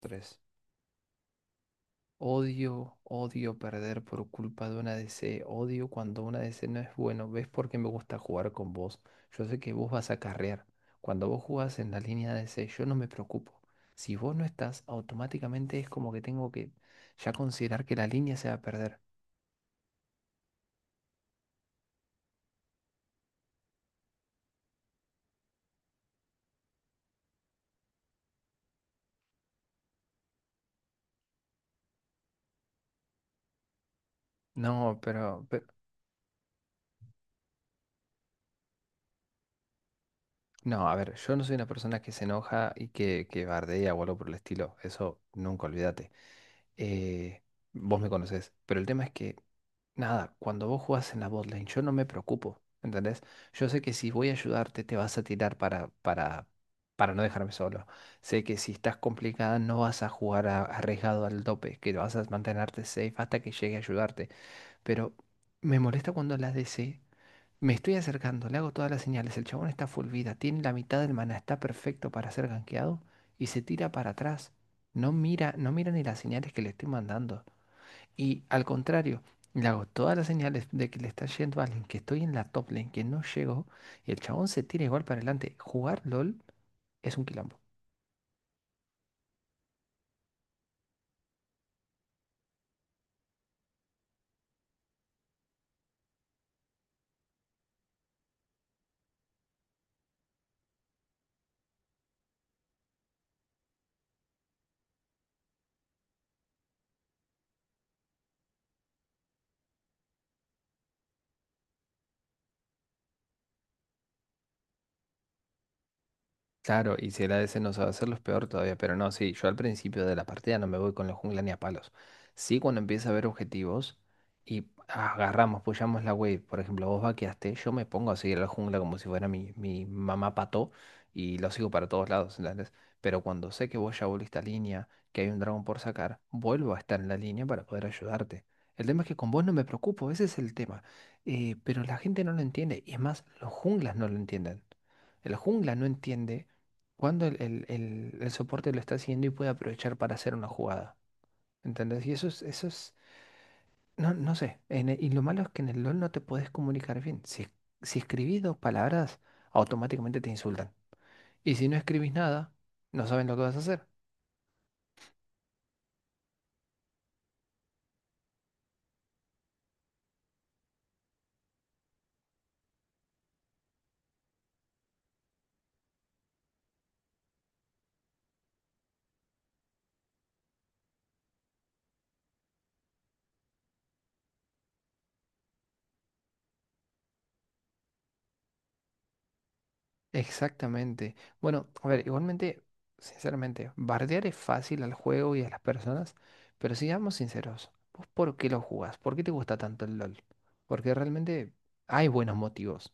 Tres. Odio, odio perder por culpa de una DC. Odio cuando una DC no es bueno. ¿Ves por qué me gusta jugar con vos? Yo sé que vos vas a carrear. Cuando vos jugás en la línea de DC, yo no me preocupo. Si vos no estás, automáticamente es como que tengo que ya considerar que la línea se va a perder. No, no, a ver, yo no soy una persona que se enoja y que bardea o algo por el estilo. Eso nunca olvídate. Eh, Vos me conocés. Pero el tema es que, nada, cuando vos jugás en la botlane, yo no me preocupo, ¿entendés? Yo sé que si voy a ayudarte, te vas a tirar para no dejarme solo. Sé que si estás complicada, no vas a jugar arriesgado al tope, que vas a mantenerte safe hasta que llegue a ayudarte. Pero me molesta cuando la DC, me estoy acercando, le hago todas las señales, el chabón está full vida, tiene la mitad del mana, está perfecto para ser gankeado y se tira para atrás. No mira ni las señales que le estoy mandando. Y al contrario, le hago todas las señales de que le está yendo a alguien, que estoy en la top lane, que no llegó, y el chabón se tira igual para adelante. Jugar LOL es un quilombo. Claro, y si era ese no sabe hacerlo es peor todavía, pero no, sí, yo al principio de la partida no me voy con la jungla ni a palos. Sí, cuando empieza a haber objetivos y agarramos, pushamos la wave. Por ejemplo, vos vaqueaste, yo me pongo a seguir a la jungla como si fuera mi mamá pato y lo sigo para todos lados, ¿entendés? Pero cuando sé que vos ya volviste a línea, que hay un dragón por sacar, vuelvo a estar en la línea para poder ayudarte. El tema es que con vos no me preocupo, ese es el tema. Pero la gente no lo entiende, y es más, los junglas no lo entienden. El jungla no entiende cuando el soporte lo está siguiendo y puede aprovechar para hacer una jugada. ¿Entendés? Y eso es, no, no sé. Y lo malo es que en el LOL no te puedes comunicar bien. Si, si escribís dos palabras, automáticamente te insultan. Y si no escribís nada, no saben lo que vas a hacer. Exactamente. Bueno, a ver, igualmente, sinceramente, bardear es fácil al juego y a las personas, pero seamos sinceros. ¿Vos por qué lo jugás? ¿Por qué te gusta tanto el LOL? Porque realmente hay buenos motivos.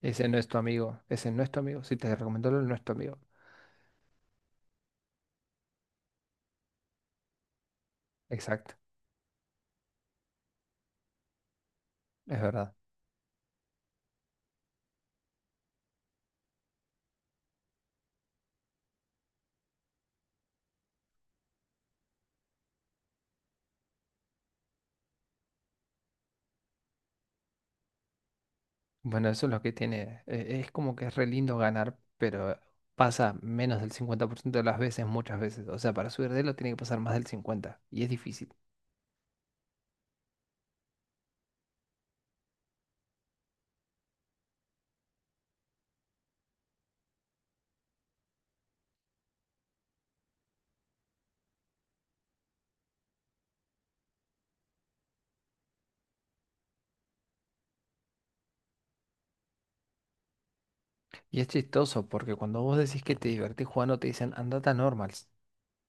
Ese no es tu amigo, ese no es tu amigo. Si te recomendó, no es tu amigo. Exacto, es verdad. Bueno, eso es lo que tiene. Es como que es re lindo ganar, pero pasa menos del 50% de las veces, muchas veces. O sea, para subir de lo tiene que pasar más del cincuenta y es difícil. Y es chistoso porque cuando vos decís que te divertís jugando, te dicen andate a normals.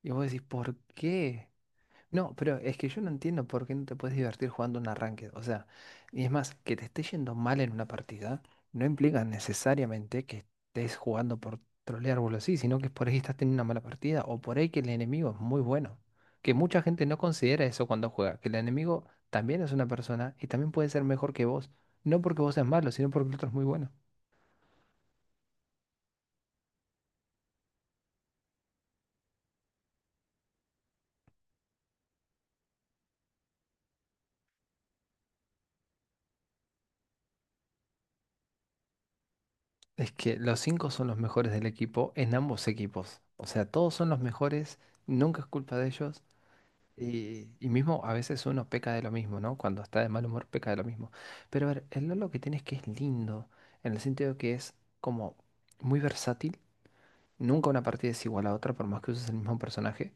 Y vos decís, ¿por qué? No, pero es que yo no entiendo por qué no te puedes divertir jugando un arranque. O sea, y es más, que te esté yendo mal en una partida no implica necesariamente que estés jugando por trolear o algo así, sino que por ahí estás teniendo una mala partida o por ahí que el enemigo es muy bueno. Que mucha gente no considera eso cuando juega, que el enemigo también es una persona y también puede ser mejor que vos. No porque vos seas malo, sino porque el otro es muy bueno. Es que los cinco son los mejores del equipo en ambos equipos. O sea, todos son los mejores, nunca es culpa de ellos. Y mismo a veces uno peca de lo mismo, ¿no? Cuando está de mal humor peca de lo mismo. Pero a ver, el Lolo que tiene es que es lindo, en el sentido que es como muy versátil, nunca una partida es igual a otra por más que uses el mismo personaje.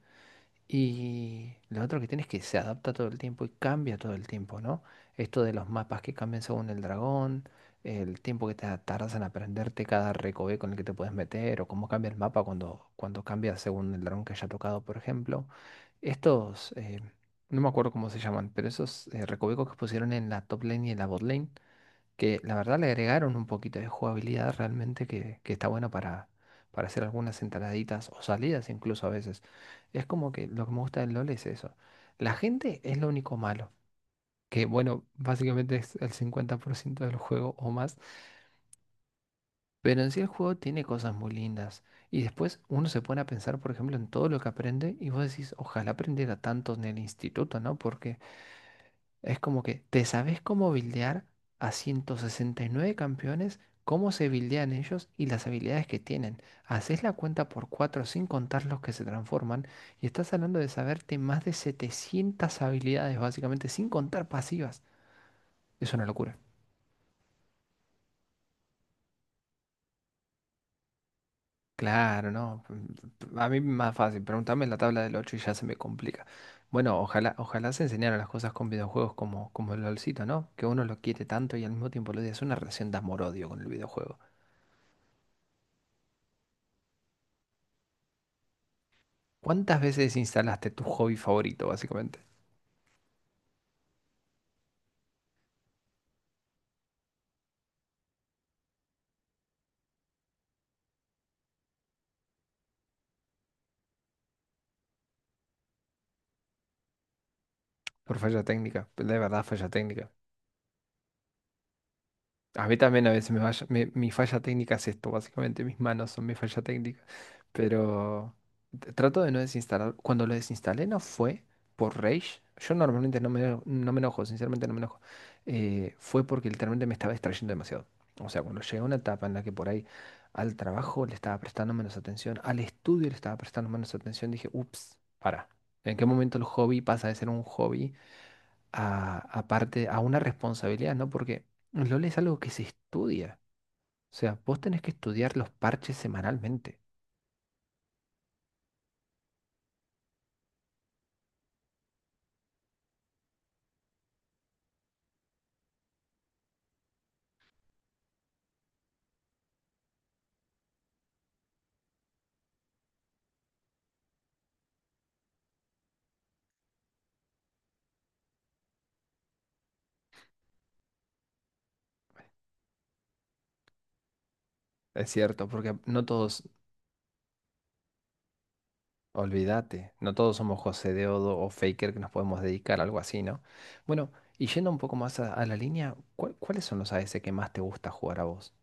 Y lo otro que tiene es que se adapta todo el tiempo y cambia todo el tiempo, ¿no? Esto de los mapas que cambian según el dragón, el tiempo que te tardas en aprenderte cada recoveco con el que te puedes meter, o cómo cambia el mapa cuando, cuando cambia según el dragón que haya tocado, por ejemplo. Estos, no me acuerdo cómo se llaman, pero esos recovecos que pusieron en la top lane y en la bot lane, que la verdad le agregaron un poquito de jugabilidad realmente que está bueno para hacer algunas entraditas o salidas incluso a veces. Es como que lo que me gusta del LOL es eso. La gente es lo único malo, que bueno, básicamente es el 50% del juego o más, pero en sí el juego tiene cosas muy lindas. Y después uno se pone a pensar, por ejemplo, en todo lo que aprende y vos decís, ojalá aprendiera tanto en el instituto, ¿no? Porque es como que te sabes cómo buildear a 169 campeones, cómo se buildean ellos y las habilidades que tienen. Haces la cuenta por 4 sin contar los que se transforman y estás hablando de saberte más de 700 habilidades básicamente sin contar pasivas. Es una locura. Claro, no. A mí más fácil. Pregúntame la tabla del 8 y ya se me complica. Bueno, ojalá, ojalá se enseñaran las cosas con videojuegos como, como el LOLcito, ¿no? Que uno lo quiere tanto y al mismo tiempo lo odia. Es una relación de amor-odio con el videojuego. ¿Cuántas veces instalaste tu hobby favorito, básicamente? Por falla técnica, pues, de verdad, falla técnica. A mí también a veces me falla- me- mi falla técnica es esto, básicamente, mis manos son mi falla técnica. Pero trato de no desinstalar. Cuando lo desinstalé no fue por rage. Yo normalmente no me enojo, sinceramente no me enojo. Fue porque literalmente me estaba distrayendo demasiado. O sea, cuando llegué a una etapa en la que por ahí al trabajo le estaba prestando menos atención, al estudio le estaba prestando menos atención, dije, ups, para. ¿En qué momento el hobby pasa de ser un hobby a una responsabilidad? ¿No? Porque LOL es algo que se estudia. O sea, vos tenés que estudiar los parches semanalmente. Es cierto, porque no todos, olvídate, no todos somos José Deodo o Faker, que nos podemos dedicar a algo así, ¿no? Bueno, y yendo un poco más a la línea, ¿cuáles son los AS que más te gusta jugar a vos?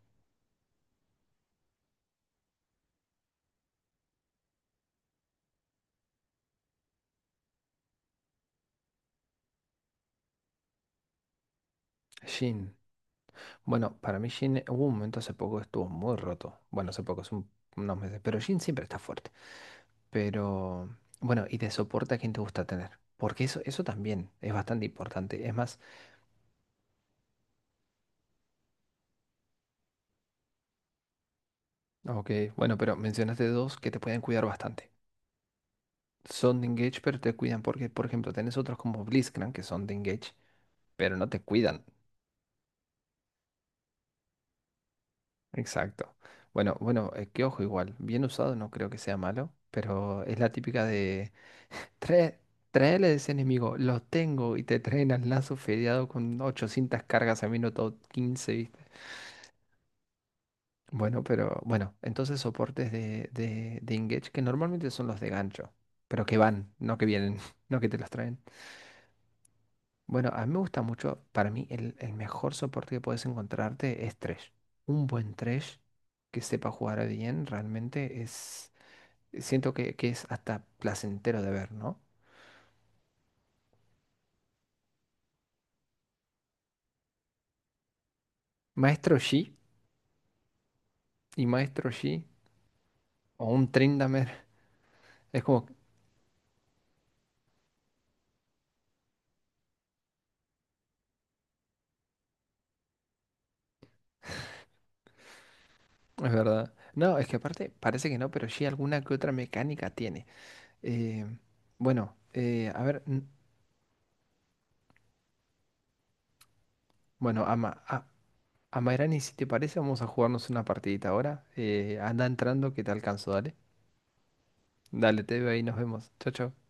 Jhin. Bueno, para mí Jhin hubo un momento hace poco que estuvo muy roto. Bueno, hace poco, hace unos meses, pero Jhin siempre está fuerte. Pero, bueno, y de soporte a quién te gusta tener. Porque eso también es bastante importante. Es más, ok, bueno, pero mencionaste dos que te pueden cuidar bastante. Son de engage, pero te cuidan. Porque, por ejemplo, tenés otros como Blitzcrank que son de engage, pero no te cuidan. Exacto. Bueno, bueno, que ojo igual. Bien usado no creo que sea malo, pero es la típica de trae, traele de ese enemigo, lo tengo, y te traen al lazo fedeado con 800 cargas a minuto 15, ¿viste? Bueno, pero bueno, entonces soportes de engage, que normalmente son los de gancho, pero que van, no que vienen, no que te los traen. Bueno, a mí me gusta mucho, para mí el mejor soporte que puedes encontrarte es Thresh. Un buen Thresh que sepa jugar bien realmente es, siento que es hasta placentero de ver, ¿no? Maestro Yi y Maestro Yi o un Tryndamere, es como, es verdad. No, es que aparte parece que no, pero Yi alguna que otra mecánica tiene. Eh, bueno, a ver, bueno, Amairani, si te parece, vamos a jugarnos una partidita ahora. Anda entrando, que te alcanzo, dale. Dale, te veo ahí, nos vemos. Chao, chao.